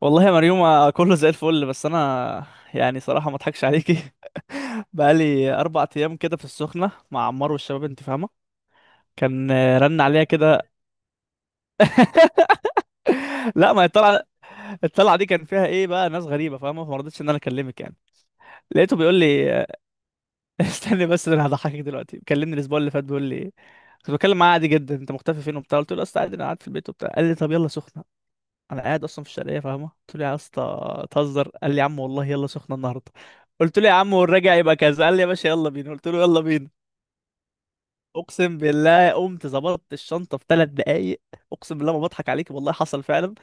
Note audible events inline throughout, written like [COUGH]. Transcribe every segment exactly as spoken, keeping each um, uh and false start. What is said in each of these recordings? والله يا مريومة، كله زي الفل. بس أنا يعني صراحة ما أضحكش عليكي. [LAUGHS] بقالي أربع أيام كده في السخنة مع عمار والشباب، أنت فاهمة. كان آه، رن عليا كده. لا ما هي الطلعة الطلعة دي كان فيها إيه بقى؟ ناس غريبة فاهمة، فما رضيتش إن أنا أكلمك يعني. لقيته بيقول لي [LAUGHS] آه، استني بس، ده أنا هضحكك دلوقتي. كلمني الأسبوع اللي فات بيقول لي، كنت بتكلم معاه عادي جدا، أنت مختفي فين وبتاع؟ قلت له، أصل عادي أنا قاعد في البيت وبتاع. قال لي، طب يلا سخنة. انا قاعد اصلا في الشرقيه فاهمه، قلت له، يا اسطى تهزر؟ قال لي، يا عم والله يلا سخنه النهارده. قلت له، يا عم والراجع يبقى كذا. قال لي، يا باشا يلا بينا. قلت له، يلا بينا. اقسم بالله قمت ظبطت الشنطه في ثلاث دقايق. اقسم بالله ما بضحك عليك، والله حصل فعلا.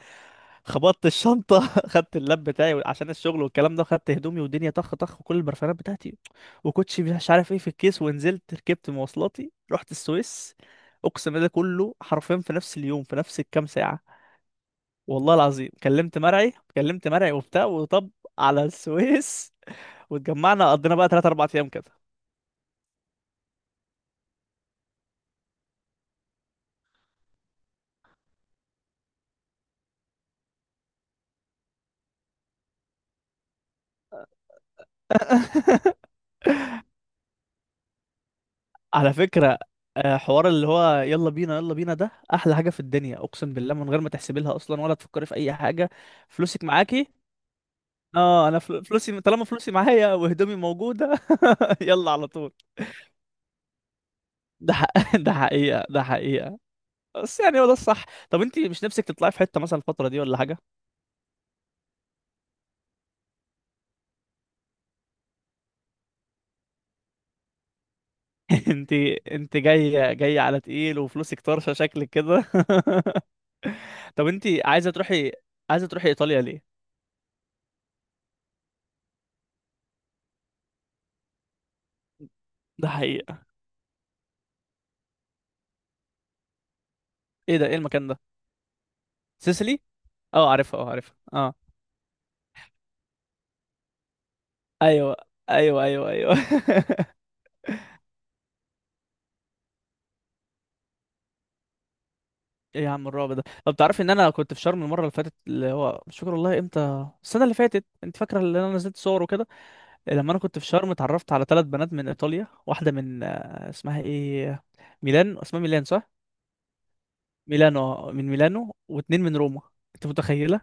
خبطت الشنطه، [LAUGHS] خدت اللاب بتاعي عشان الشغل والكلام ده، خدت هدومي والدنيا طخ طخ، وكل البرفانات بتاعتي وكوتشي مش عارف ايه في الكيس، ونزلت ركبت مواصلاتي رحت السويس. اقسم بالله كله حرفيا في نفس اليوم، في نفس الكام ساعه. والله العظيم كلمت مرعي كلمت مرعي وبتاع، وطب على السويس. واتجمعنا، قضينا بقى ثلاث أربع ايام كده. [LAUGHS] على فكرة، آه، حوار اللي هو يلا بينا يلا بينا ده احلى حاجة في الدنيا، اقسم بالله، من غير ما تحسبي لها اصلا ولا تفكري في اي حاجة. فلوسك معاكي؟ اه انا فل- فلوسي، طالما فلوسي معايا وهدومي موجودة. [LAUGHS] يلا على طول. ده حق... [LAUGHS] ده حقيقة، ده حقيقة. بس يعني هو ده الصح. طب انت مش نفسك تطلعي في حتة مثلا الفترة دي ولا حاجة؟ [LAUGHS] انت انت جاي جاي على تقيل وفلوسك طرشه شكلك كده. [LAUGHS] طب انت عايزه تروحي عايزه تروحي ايطاليا ليه؟ ده حقيقه. ايه ده، ايه المكان ده؟ سيسيلي. اه عارفها، اه عارفها، اه. ايوه، ايوه، ايوه، ايوه. [LAUGHS] ايه يا عم الرعب ده؟ طب تعرفي ان انا كنت في شرم المره اللي فاتت، اللي هو مش فاكر والله امتى، السنه اللي فاتت، انت فاكره اللي انا نزلت صور وكده؟ لما انا كنت في شرم اتعرفت على ثلاث بنات من ايطاليا. واحده من آه، اسمها ايه، ميلان، اسمها ميلان صح؟ ميلانو، من ميلانو، واتنين من روما. انت متخيله؟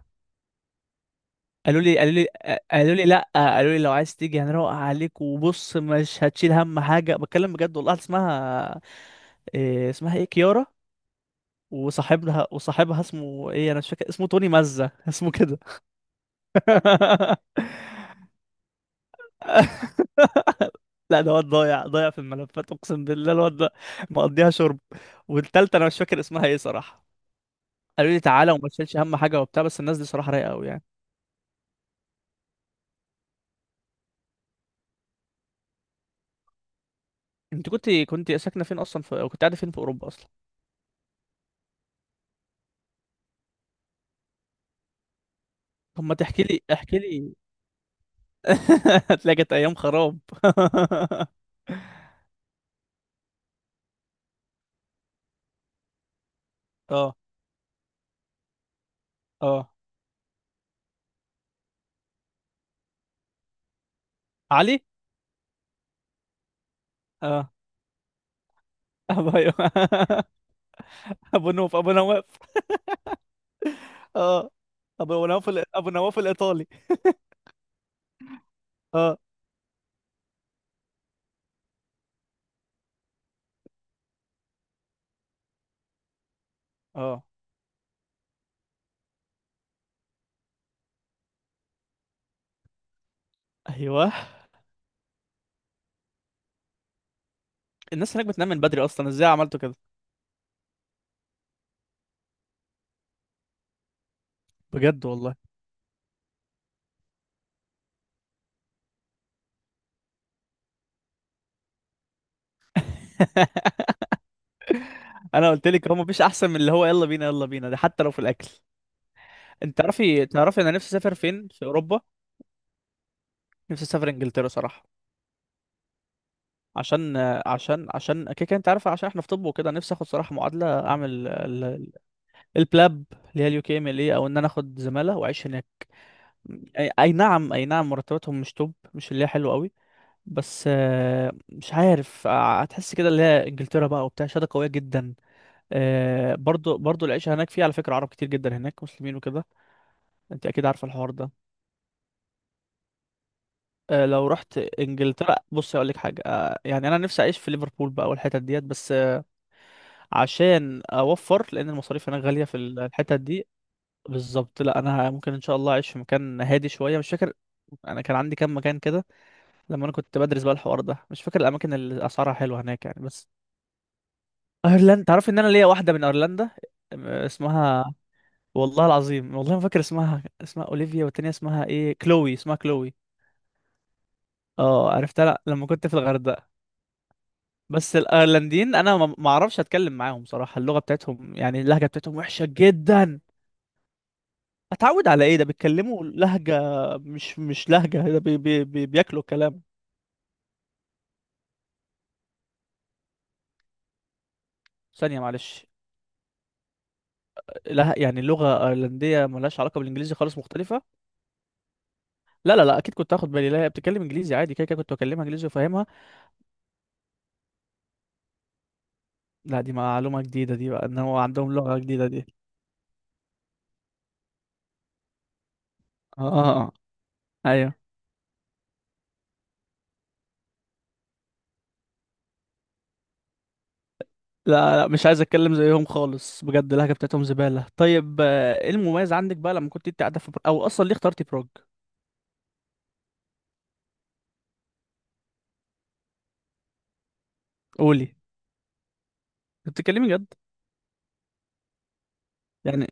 قالوا لي قالوا لي قالوا لي، لا قالوا لي، لو عايز تيجي هنروق عليك وبص مش هتشيل هم حاجه، بتكلم بجد والله. واحدة اسمها إيه، اسمها ايه، كيارا. وصاحبها وصاحبها اسمه ايه، انا مش فاكر اسمه، توني مزة اسمه كده. [LAUGHS] لا ده واد ضايع ضايع في الملفات، اقسم بالله الواد ده مقضيها شرب. والتالتة انا مش فاكر اسمها ايه صراحه. قالوا لي تعالى وما تشيلش هم حاجه وبتاع، بس الناس دي صراحه رايقه قوي يعني. انت كنت كنت ساكنه فين اصلا في... أو كنت قاعده فين في اوروبا اصلا؟ طب ما تحكي لي احكي لي. [LAUGHS] هتلاقي كانت ايام خراب. [LAUGHS] اه، اه، علي. اه، ابو [LAUGHS] أيوة. ابو نوف ابو نواف. اه، ابو نواف ال- ابو نواف الايطالي. اه، اه، ايوه. الناس هناك بتنام من بدري اصلا، ازاي عملتوا كده؟ بجد والله. [LAUGHS] انا قلت لك هو مفيش احسن من اللي هو يلا بينا يلا بينا ده، حتى لو في الاكل. انت تعرفي تعرفي انا نفسي اسافر فين في اوروبا؟ نفسي اسافر انجلترا صراحه. عشان عشان عشان كده كده، انت عارف، عشان احنا في طب وكده، نفسي اخد صراحه معادله، اعمل ال- ال- البلاب اللي هي اليو كي ام ال اي، او ان انا اخد زماله واعيش هناك. اي، اي نعم، اي نعم. مرتباتهم مش توب، مش اللي هي حلوه قوي. بس آه، مش عارف، آه، هتحس كده اللي هي انجلترا بقى وبتاع شهاده قويه جدا. آه، برضو برضو العيشه هناك فيها على فكره عرب كتير جدا هناك، مسلمين وكده. انت اكيد عارفه الحوار ده. آه، لو رحت انجلترا بص اقول لك حاجه، آه، يعني انا نفسي اعيش في ليفربول بقى والحتت ديت بس. عشان اوفر لان المصاريف هناك غاليه في ال- الحتت دي. بالظبط. لا، انا ممكن ان شاء الله اعيش في مكان هادي شويه، مش فاكر. انا كان عندي كام مكان كده لما انا كنت بدرس بقى الحوار ده، مش فاكر الاماكن اللي اسعارها حلوه هناك يعني، بس. ايرلندا، تعرف ان انا ليا واحده من ايرلندا؟ أم- اسمها، والله العظيم والله ما فاكر اسمها اسمها اولivia، والتانية اسمها ايه، كلوي، اسمها كلوي. اه عرفتها، لا، لما كنت في الغردقه. بس الايرلنديين انا ما ما اعرفش اتكلم معاهم صراحه، اللغه بتاعتهم يعني اللهجه بتاعتهم وحشه جدا. اتعود على ايه؟ ده بيتكلموا لهجة، مش مش لهجة، ده بي بي بي بياكلوا كلام. ثانية معلش. لا يعني اللغة ايرلندية ملهاش علاقة بالانجليزي خالص، مختلفة. لا، لا، لا، اكيد كنت هاخد بالي. لا هي بتتكلم انجليزي عادي كده كده، كنت بكلمها انجليزي وفاهمها. لا دي معلومة جديدة دي بقى، ان هو عندهم لغة جديدة دي. اه، ايوه. لا، لا، مش عايز اتكلم زيهم خالص، بجد اللهجة بتاعتهم زبالة. طيب آه، ايه المميز عندك بقى لما كنت انت قاعدة في بر- او اصلا ليه اخترتي بروج؟ قولي، بتتكلمي جد؟ يعني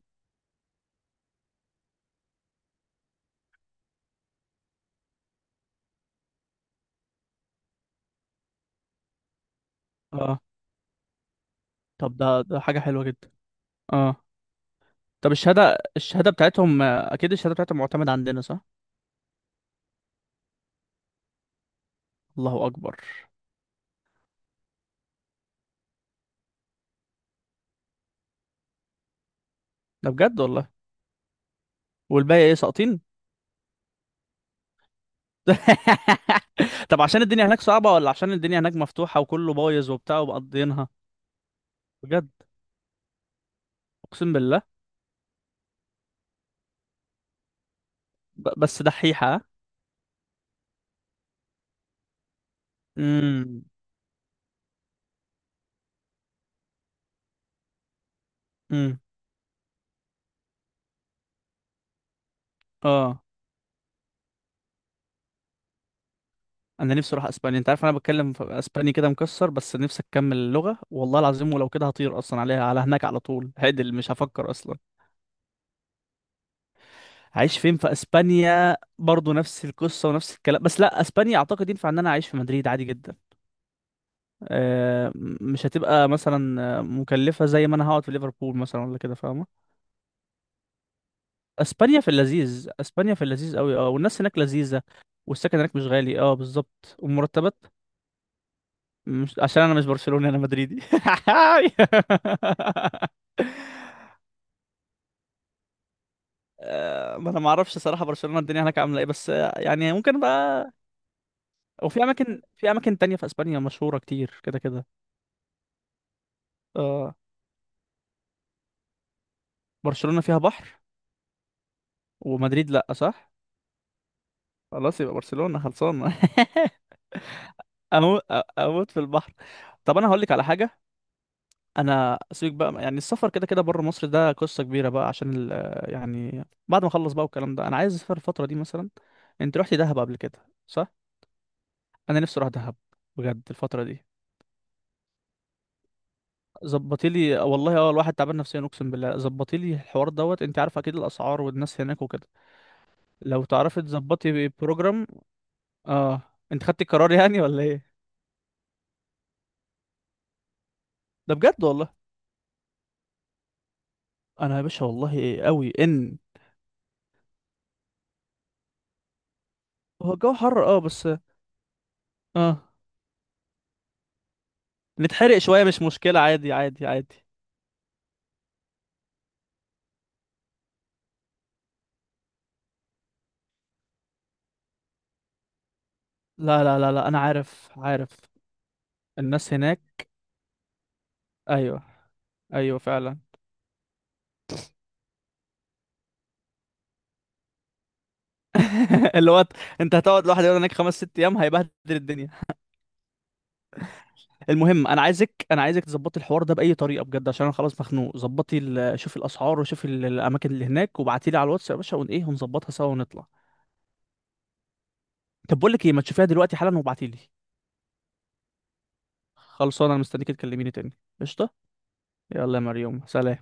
اه. طب ده ده حاجة حلوة جدا. اه. طب الشهادة الشهادة بتاعتهم أكيد الشهادة بتاعتهم معتمدة عندنا صح؟ الله أكبر. ده بجد والله؟ والباقي إيه، ساقطين؟ [LAUGHS] طب عشان الدنيا هناك صعبة، ولا عشان الدنيا هناك مفتوحة وكله بايظ وبتاع ومقضينها؟ بجد. أقسم بالله. ب... بس دحيحة. امم، امم، اه. أنا نفسي أروح أسبانيا، أنت عارف أنا بتكلم في أسباني كده مكسر، بس نفسي أكمل اللغة والله العظيم. ولو كده هطير أصلا عليها، على هناك، على طول، هعدل، مش هفكر أصلا. عايش فين في اسبانيا؟ برضو نفس القصه ونفس الكلام. بس لا اسبانيا اعتقد ينفع ان انا اعيش في مدريد عادي جدا. آه، م- مش هتبقى مثلا آه، مكلفه زي ما انا هقعد في ليفربول مثلا، ولا كده فاهمه. اسبانيا في اللذيذ اسبانيا في اللذيذ قوي، اه. والناس هناك لذيذه، والسكن هناك مش غالي، اه بالظبط، والمرتبات. مش عشان انا مش برشلوني، انا مدريدي. [LAUGHS] آه، ما انا ما اعرفش صراحه برشلونه الدنيا هناك عامله ايه، بس آه، يعني ممكن بقى. وفي اماكن في اماكن تانية في اسبانيا مشهورة كتير كده كده. آه برشلونة فيها بحر، ومدريد لا، صح؟ خلاص يبقى برشلونة خلصانة. [LAUGHS] اموت، اموت في البحر. طب انا هقول لك على حاجة. انا سيبك بقى يعني، السفر كده كده بره مصر ده قصة كبيرة بقى، عشان ال... يعني بعد ما اخلص بقى والكلام ده. انا عايز اسافر الفترة دي مثلا. انت رحتي دهب قبل كده، صح؟ انا نفسي اروح دهب بجد الفترة دي. ظبطي لي والله، اه الواحد تعبان نفسيا اقسم بالله، ظبطي لي الحوار دوت. انت عارف اكيد الاسعار والناس هناك وكده. لو تعرفي تظبطي بروجرام، اه. انت خدتي القرار يعني ولا ايه؟ ده بجد والله. انا يا باشا والله قوي ان... هو الجو حر، اه بس. اه نتحرق شويه مش مشكله، عادي، عادي، عادي. لا، لا، لا، لا، انا عارف، عارف. الناس هناك، ايوه، ايوه فعلا. [LAUGHS] اللي هو ت- انت هتقعد لوحدك هناك خمس ست ايام هيبهدل الدنيا. المهم انا عايزك انا عايزك تظبطي الحوار ده باي طريقه، بجد عشان انا خلاص مخنوق. ظبطي ال- شوفي الاسعار، وشوفي ال- الاماكن اللي هناك، وابعتي لي على الواتس يا باشا، ون ايه هنظبطها سوا ونطلع. طب بقول لك ايه، ما تشوفيها دلوقتي حالا وابعتيلي. خلصانه، انا مستنيك تكلميني تاني، قشطه. يلا يا مريم، سلام.